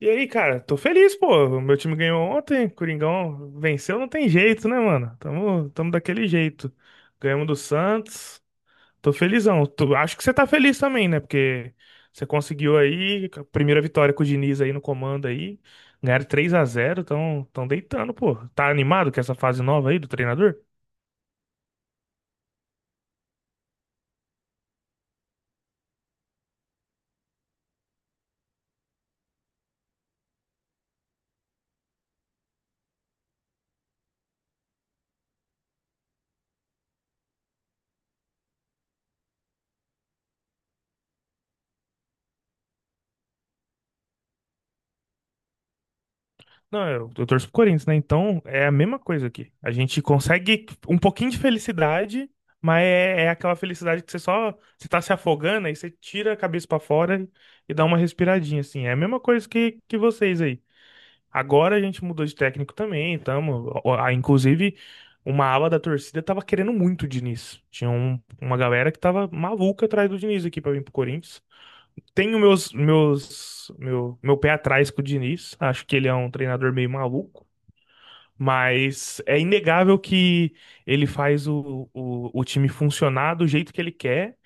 E aí, cara, tô feliz, pô. Meu time ganhou ontem, Coringão venceu, não tem jeito, né, mano? Tamo daquele jeito. Ganhamos do Santos. Tô felizão. Acho que você tá feliz também, né? Porque você conseguiu aí a primeira vitória com o Diniz aí no comando aí. Ganharam 3 a 0. Tão deitando, pô. Tá animado com essa fase nova aí do treinador? Não, eu torço pro Corinthians, né? Então é a mesma coisa aqui. A gente consegue um pouquinho de felicidade, mas é aquela felicidade que você só você tá se afogando aí você tira a cabeça pra fora e dá uma respiradinha, assim. É a mesma coisa que vocês aí. Agora a gente mudou de técnico também, tamo. Inclusive, uma ala da torcida tava querendo muito o Diniz. Tinha uma galera que tava maluca atrás do Diniz aqui pra vir pro Corinthians. Tenho meu pé atrás com o Diniz. Acho que ele é um treinador meio maluco. Mas é inegável que ele faz o time funcionar do jeito que ele quer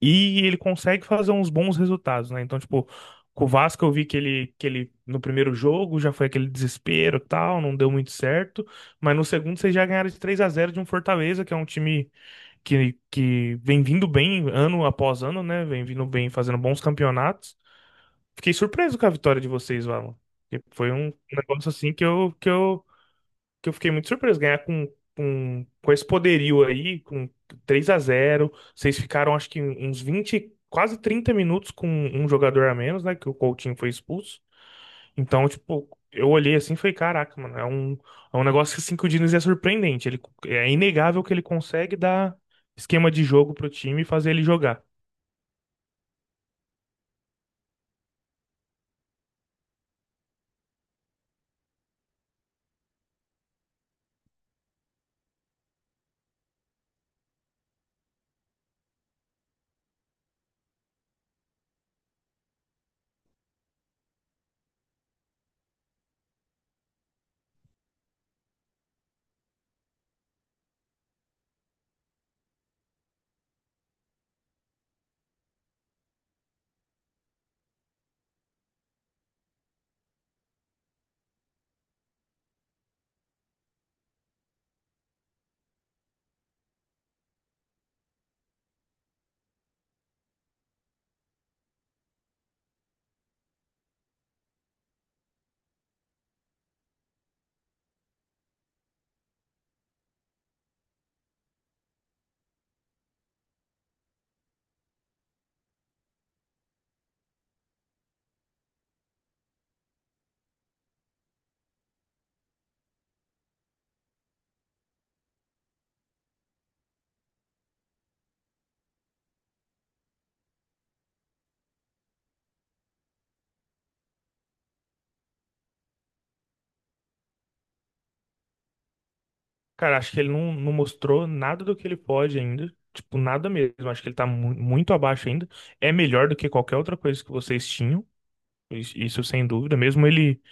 e ele consegue fazer uns bons resultados, né? Então, tipo, com o Vasco eu vi que ele no primeiro jogo já foi aquele desespero e tal, não deu muito certo, mas no segundo vocês já ganharam de 3 a 0 de um Fortaleza, que é um time que vem vindo bem ano após ano, né? Vem vindo bem, fazendo bons campeonatos. Fiquei surpreso com a vitória de vocês, Valon. Porque foi um negócio assim que eu fiquei muito surpreso ganhar com esse poderio aí, com 3 a 0. Vocês ficaram, acho que, uns 20 quase 30 minutos com um jogador a menos, né? Que o Coutinho foi expulso. Então, tipo, eu olhei assim e falei: caraca, mano, é um negócio que, assim, que o Diniz é surpreendente. Ele, é inegável que ele consegue dar esquema de jogo pro time e fazer ele jogar. Cara, acho que ele não mostrou nada do que ele pode ainda. Tipo, nada mesmo. Acho que ele tá muito abaixo ainda. É melhor do que qualquer outra coisa que vocês tinham. Isso sem dúvida, mesmo ele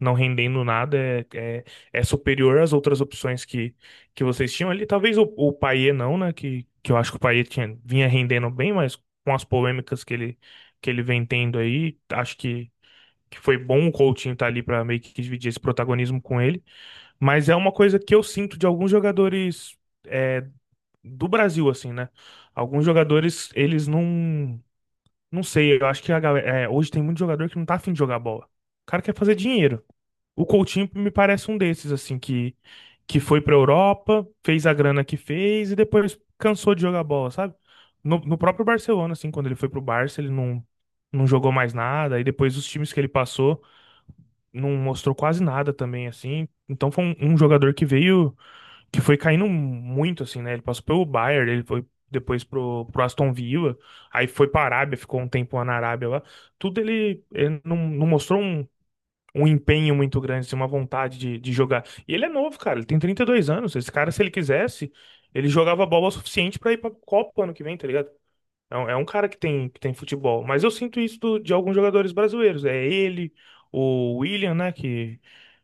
não rendendo nada, é, é superior às outras opções que vocês tinham ali. Talvez o Payet não, né? Que eu acho que o Payet tinha, vinha rendendo bem, mas com as polêmicas que ele vem tendo aí, acho que foi bom o Coutinho estar ali para meio que dividir esse protagonismo com ele. Mas é uma coisa que eu sinto de alguns jogadores é, do Brasil, assim, né? Alguns jogadores, eles não. Não sei, eu acho que a galera, é, hoje tem muito jogador que não tá afim de jogar bola. O cara quer fazer dinheiro. O Coutinho me parece um desses, assim, que foi pra Europa, fez a grana que fez e depois cansou de jogar bola, sabe? No próprio Barcelona, assim, quando ele foi pro Barça, ele não jogou mais nada. E depois os times que ele passou, não mostrou quase nada também, assim. Então foi um jogador que veio que foi caindo muito, assim, né? Ele passou pelo Bayern, ele foi depois pro Aston Villa, aí foi pra Arábia, ficou um tempo lá na Arábia lá. Tudo ele, ele não mostrou um empenho muito grande, assim, uma vontade de jogar. E ele é novo, cara, ele tem 32 anos. Esse cara, se ele quisesse, ele jogava bola o suficiente pra ir pra Copa ano que vem, tá ligado? É um cara que tem futebol. Mas eu sinto isso de alguns jogadores brasileiros. É ele, o William, né,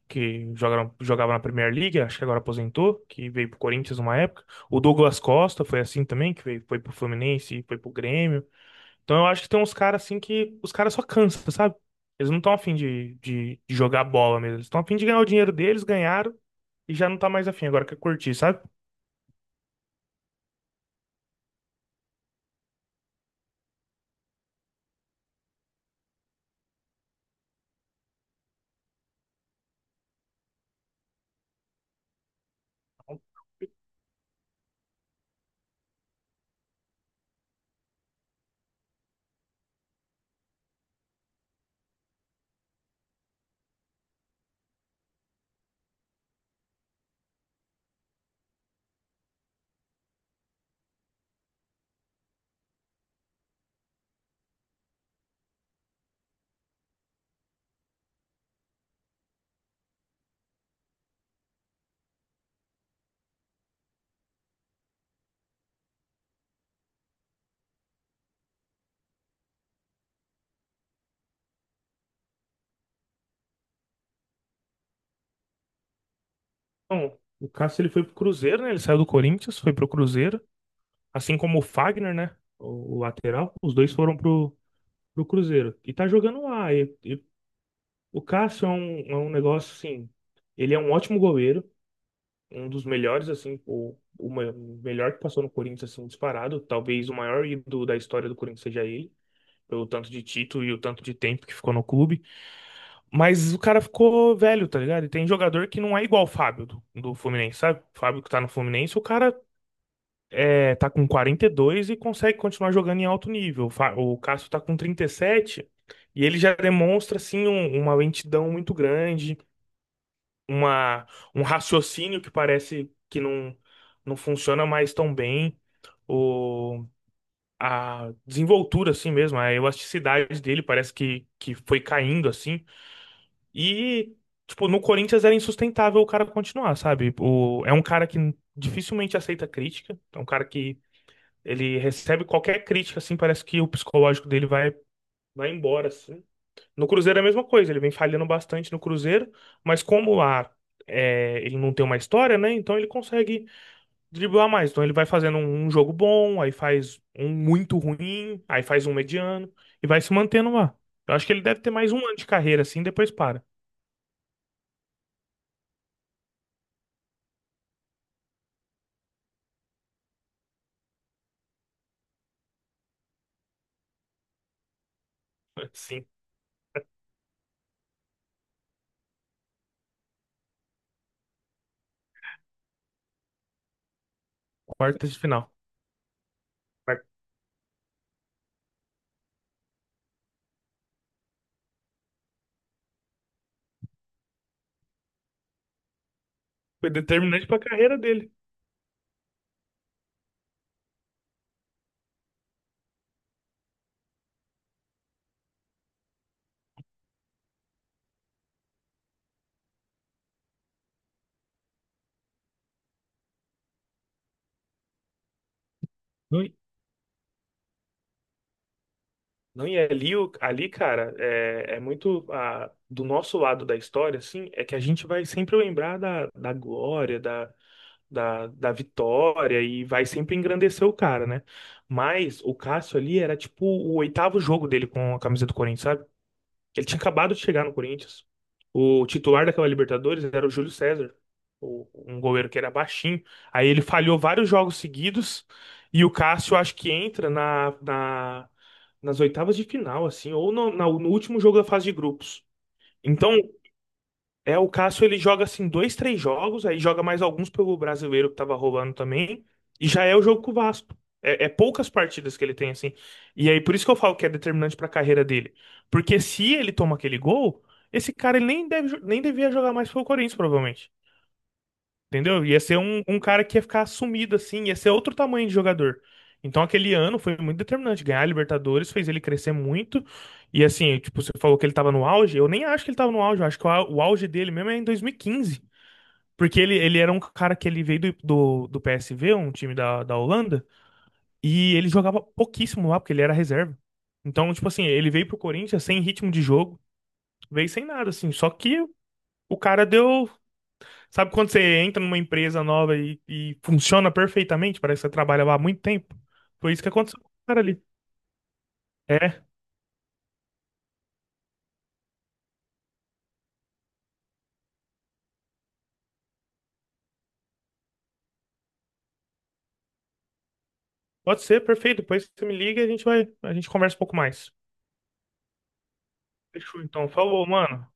que jogaram, jogava na Premier League, acho que agora aposentou, que veio pro Corinthians uma época. O Douglas Costa foi assim também, que veio, foi pro Fluminense, foi pro Grêmio. Então eu acho que tem uns caras assim que os caras só cansam, sabe? Eles não estão afim de jogar bola mesmo. Eles estão afim de ganhar o dinheiro deles, ganharam e já não tá mais afim, agora quer curtir, sabe? Bom, o Cássio ele foi pro Cruzeiro, né? Ele saiu do Corinthians, foi pro Cruzeiro, assim como o Fagner, né? O lateral, os dois foram pro Cruzeiro. E tá jogando lá. E o Cássio é é um negócio assim. Ele é um ótimo goleiro, um dos melhores, assim, o melhor que passou no Corinthians, assim, disparado. Talvez o maior ídolo da história do Corinthians seja ele, pelo tanto de título e o tanto de tempo que ficou no clube. Mas o cara ficou velho, tá ligado? E tem jogador que não é igual o Fábio do Fluminense, sabe? O Fábio que tá no Fluminense, o cara é, tá com 42 e consegue continuar jogando em alto nível. O Cássio tá com 37 e sete e ele já demonstra assim uma lentidão muito grande, uma, um raciocínio que parece que não, não funciona mais tão bem. O, a desenvoltura assim mesmo, a elasticidade dele parece que foi caindo assim. E tipo, no Corinthians era insustentável o cara continuar, sabe? O, é um cara que dificilmente aceita crítica, é um cara que ele recebe qualquer crítica, assim, parece que o psicológico dele vai embora, assim. No Cruzeiro é a mesma coisa, ele vem falhando bastante no Cruzeiro, mas como lá é, ele não tem uma história, né? Então ele consegue driblar mais. Então ele vai fazendo um jogo bom, aí faz um muito ruim, aí faz um mediano e vai se mantendo lá. Eu acho que ele deve ter mais um ano de carreira, assim, depois para. Sim, quartas de final. Vai- Foi determinante pra carreira dele. Não, e ali, ali, cara, é, é muito ah, do nosso lado da história, assim, é que a gente vai sempre lembrar da glória, da vitória e vai sempre engrandecer o cara, né? Mas o Cássio ali era tipo o oitavo jogo dele com a camisa do Corinthians, ele tinha acabado de chegar no Corinthians. O titular daquela Libertadores era o Júlio César, um goleiro que era baixinho. Aí ele falhou vários jogos seguidos e o Cássio acho que entra nas oitavas de final, assim, ou no último jogo da fase de grupos. Então, é, o Cássio ele joga assim dois, três jogos, aí joga mais alguns pelo brasileiro que tava rolando também, e já é o jogo com o Vasco. É, é poucas partidas que ele tem assim. E aí por isso que eu falo que é determinante pra carreira dele. Porque se ele toma aquele gol, esse cara ele nem deve, nem devia jogar mais pelo Corinthians, provavelmente. Entendeu? Ia ser um cara que ia ficar sumido assim, ia ser outro tamanho de jogador. Então aquele ano foi muito determinante. Ganhar a Libertadores fez ele crescer muito. E assim, tipo, você falou que ele tava no auge. Eu nem acho que ele tava no auge, eu acho que o auge dele mesmo é em 2015. Porque ele era um cara que ele veio do PSV, um time da Holanda, e ele jogava pouquíssimo lá, porque ele era reserva. Então, tipo assim, ele veio pro Corinthians sem ritmo de jogo, veio sem nada, assim. Só que o cara deu. Sabe quando você entra numa empresa nova e funciona perfeitamente? Parece que você trabalha lá há muito tempo. Foi isso que aconteceu com o cara ali. É, pode ser, perfeito. Depois você me liga e a gente vai, a gente conversa um pouco mais. Fechou, então. Falou, mano.